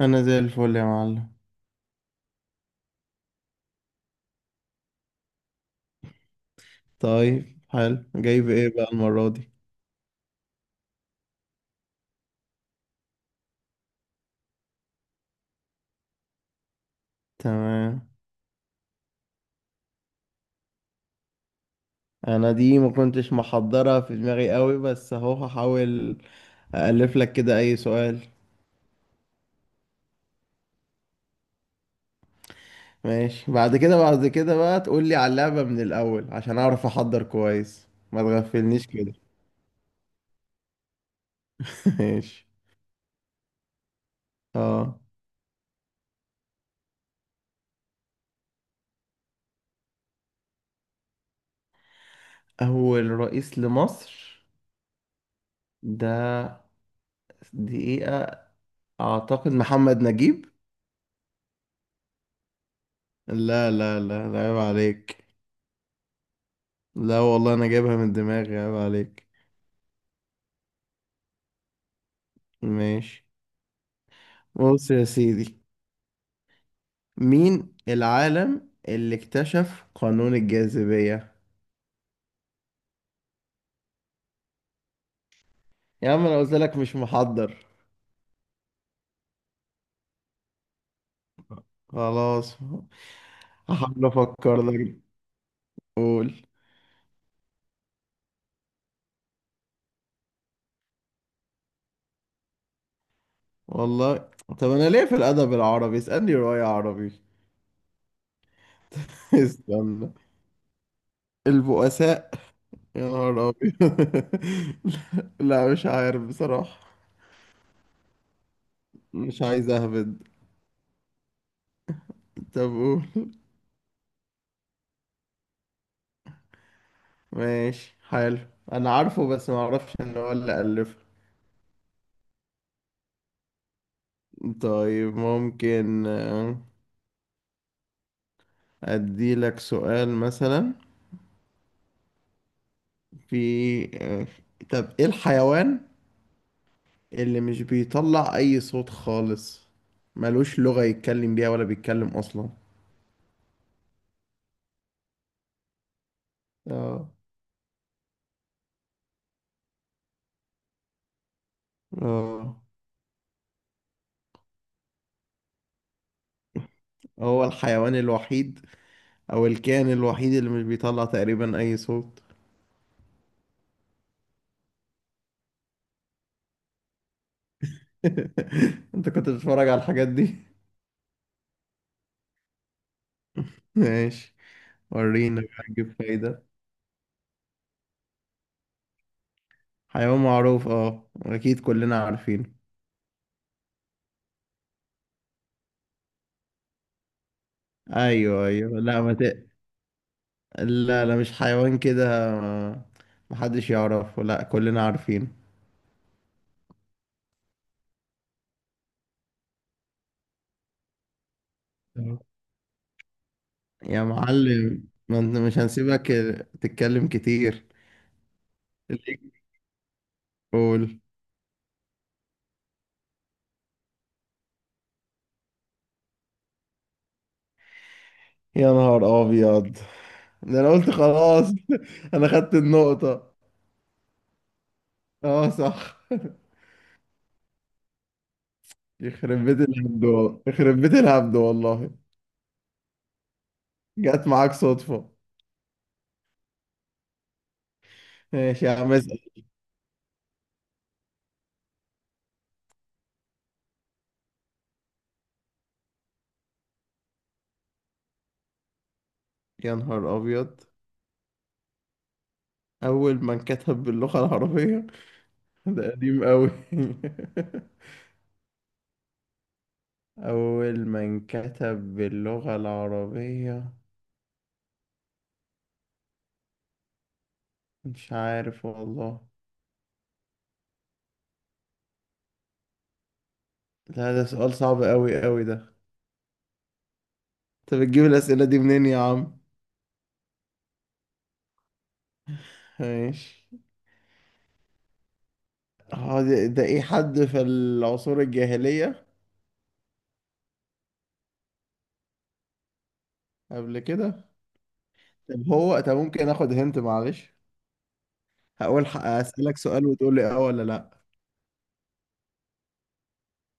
انا زي الفل يا معلم. طيب حلو، جايب ايه بقى المرة دي؟ تمام. انا دي ما كنتش محضرة في دماغي قوي، بس اهو هحاول أألف لك كده اي سؤال. ماشي، بعد كده بقى تقول لي على اللعبة من الاول عشان اعرف احضر كويس، ما تغفلنيش كده. ماشي. اه. اول رئيس لمصر. ده دقيقة، اعتقد محمد نجيب. لا لا لا لا، عيب عليك. لا والله انا جايبها من دماغي، عيب عليك. ماشي. بص يا سيدي، مين العالم اللي اكتشف قانون الجاذبية؟ يا عم انا قلت لك مش محضر. خلاص. هحاول افكر لك. قول. والله. طب انا ليه في الادب العربي؟ اسألني رواية عربي. استنى. البؤساء. يا نهار ابيض. لا، مش عارف بصراحة. مش عايز اهبد. طب قول. ماشي، حلو. انا عارفه بس ما اعرفش ان هو اللي الفه. طيب ممكن، أديلك سؤال مثلا. في آه، طب إيه الحيوان اللي مش بيطلع أي صوت خالص، ملوش لغة يتكلم بيها ولا بيتكلم أصلا. اه. اه. هو الحيوان الوحيد أو الكائن الوحيد اللي مش بيطلع تقريبا أي صوت. أنت كنت بتتفرج على الحاجات دي؟ ماشي. ورينا بقى نجيب فايدة. حيوان معروف، اه أكيد كلنا عارفينه. ايوه ايوه، لا ما ت... لا لا مش حيوان كده. محدش يعرفه، لا كلنا عارفينه. تمام. يا معلم ما انت مش هنسيبك تتكلم كتير. ليك، قول. يا نهار ابيض، ده انا قلت خلاص انا خدت النقطة. اه صح. يخرب بيت الهبد والله، يخرب بيت الهبد والله. جت معاك صدفة. ماشي يا عم، اسأل. يا نهار ابيض. اول من كتب باللغة العربية. ده قديم قوي. أول ما انكتب باللغة العربية، مش عارف والله. لا ده سؤال صعب أوي أوي ده. أنت بتجيب الأسئلة دي منين يا عم؟ ماشي. اه، ده إيه، حد في العصور الجاهلية؟ قبل كده؟ طب ممكن آخد هنت، معلش. هقول، أسألك سؤال وتقول لي آه ولا لأ.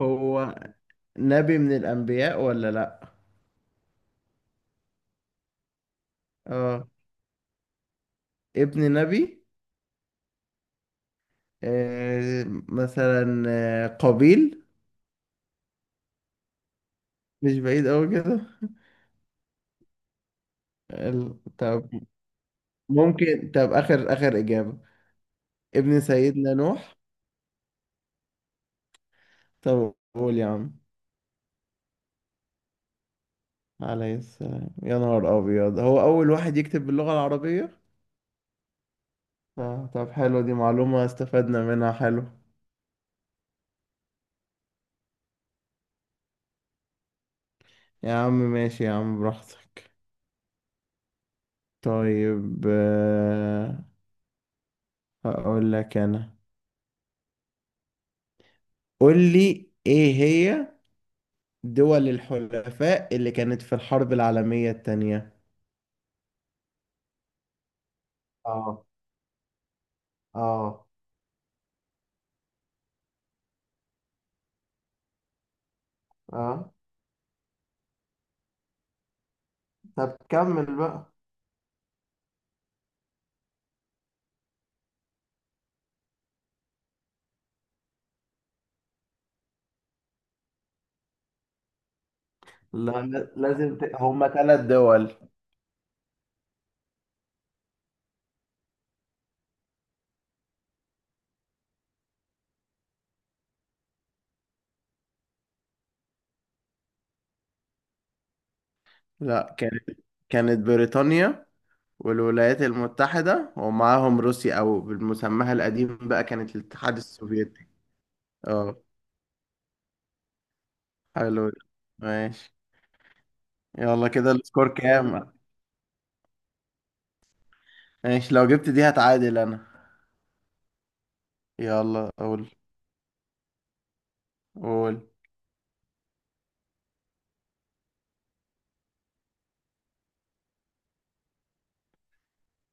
هو نبي من الأنبياء ولا لأ؟ آه ابن نبي. آه. مثلا قابيل. مش بعيد أوي كده. طب ممكن، آخر إجابة. ابن سيدنا نوح. طب قول يا عم. عليه السلام؟ يا نهار أبيض، هو أول واحد يكتب باللغة العربية؟ طب حلو، دي معلومة استفدنا منها، حلو. يا عم ماشي يا عم براحتك. طيب، هقول لك أنا. قول لي إيه هي دول الحلفاء اللي كانت في الحرب العالمية التانية. اه. اه. اه. طب كمل بقى. لا، لا، هما ثلاث دول. لا، كانت بريطانيا والولايات المتحدة، ومعاهم روسيا أو بالمسمى القديم بقى كانت الاتحاد السوفيتي. اه. حلو ده. ماشي. يلا، كده السكور كام؟ ماشي، لو جبت دي هتعادل أنا. يلا قول. قول.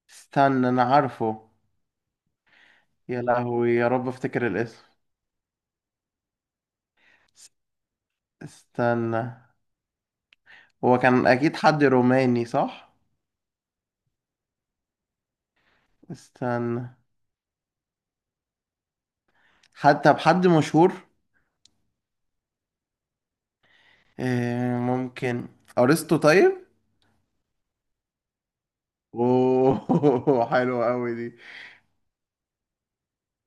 استنى، أنا عارفه. يا لهوي، يا رب افتكر الاسم. اس- استنى. هو كان أكيد حد روماني، صح؟ استنى، حتى بحد مشهور. إيه ممكن، أرسطو؟ طيب. اوه حلوة قوي دي.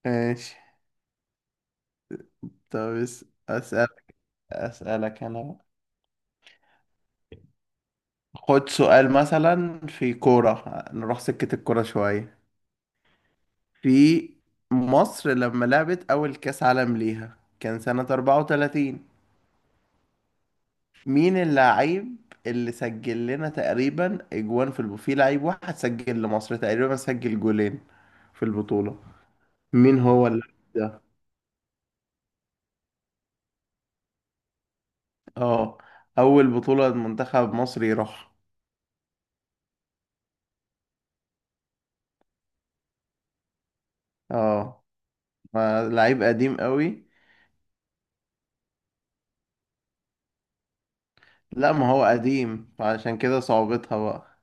ماشي. طب اسالك انا بقى. خد سؤال مثلا في كورة، نروح سكة الكورة شوية. في مصر لما لعبت أول كأس عالم ليها كان سنة 34، مين اللاعب اللي سجل لنا تقريبا أجوان في لعيب واحد سجل لمصر تقريبا، سجل جولين في البطولة. مين هو اللاعب ده؟ اه، أول بطولة منتخب مصر يروح. اه، فلعيب قديم قوي. لا ما هو قديم، فعشان كده صعوبتها بقى.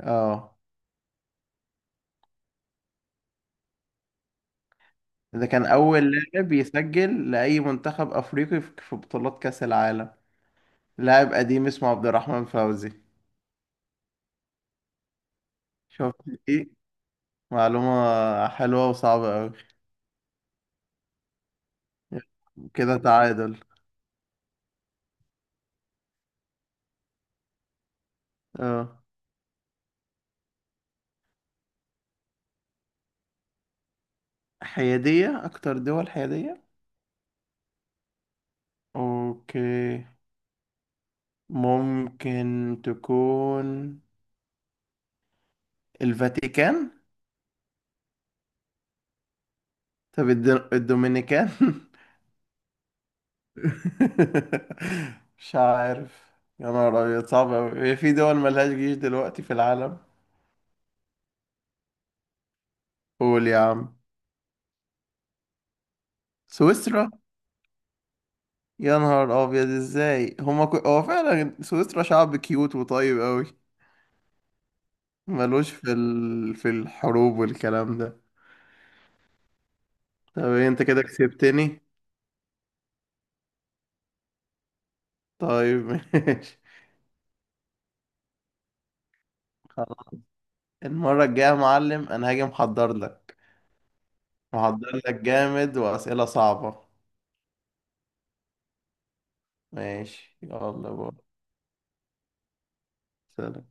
اه. ده كان اول لاعب يسجل لاي منتخب افريقي في بطولات كاس العالم. لاعب قديم اسمه عبد الرحمن فوزي. شوف، ايه، معلومة حلوة وصعبة قوي. كده تعادل. اه. حيادية، اكتر دول حيادية. اوكي، ممكن تكون الفاتيكان. طب الدومينيكان. مش عارف. يا نهار أبيض صعب أوي، هي في دول ملهاش جيش دلوقتي في العالم؟ قول يا عم. سويسرا. يا نهار أبيض، إزاي هما هو فعلا سويسرا شعب كيوت وطيب أوي. ملوش في الحروب والكلام ده. طب إيه، أنت كده كسبتني. طيب ماشي. خلاص. المرة الجاية يا معلم أنا هاجي محضر لك، محضر لك جامد وأسئلة صعبة. ماشي يلا بقى. سلام.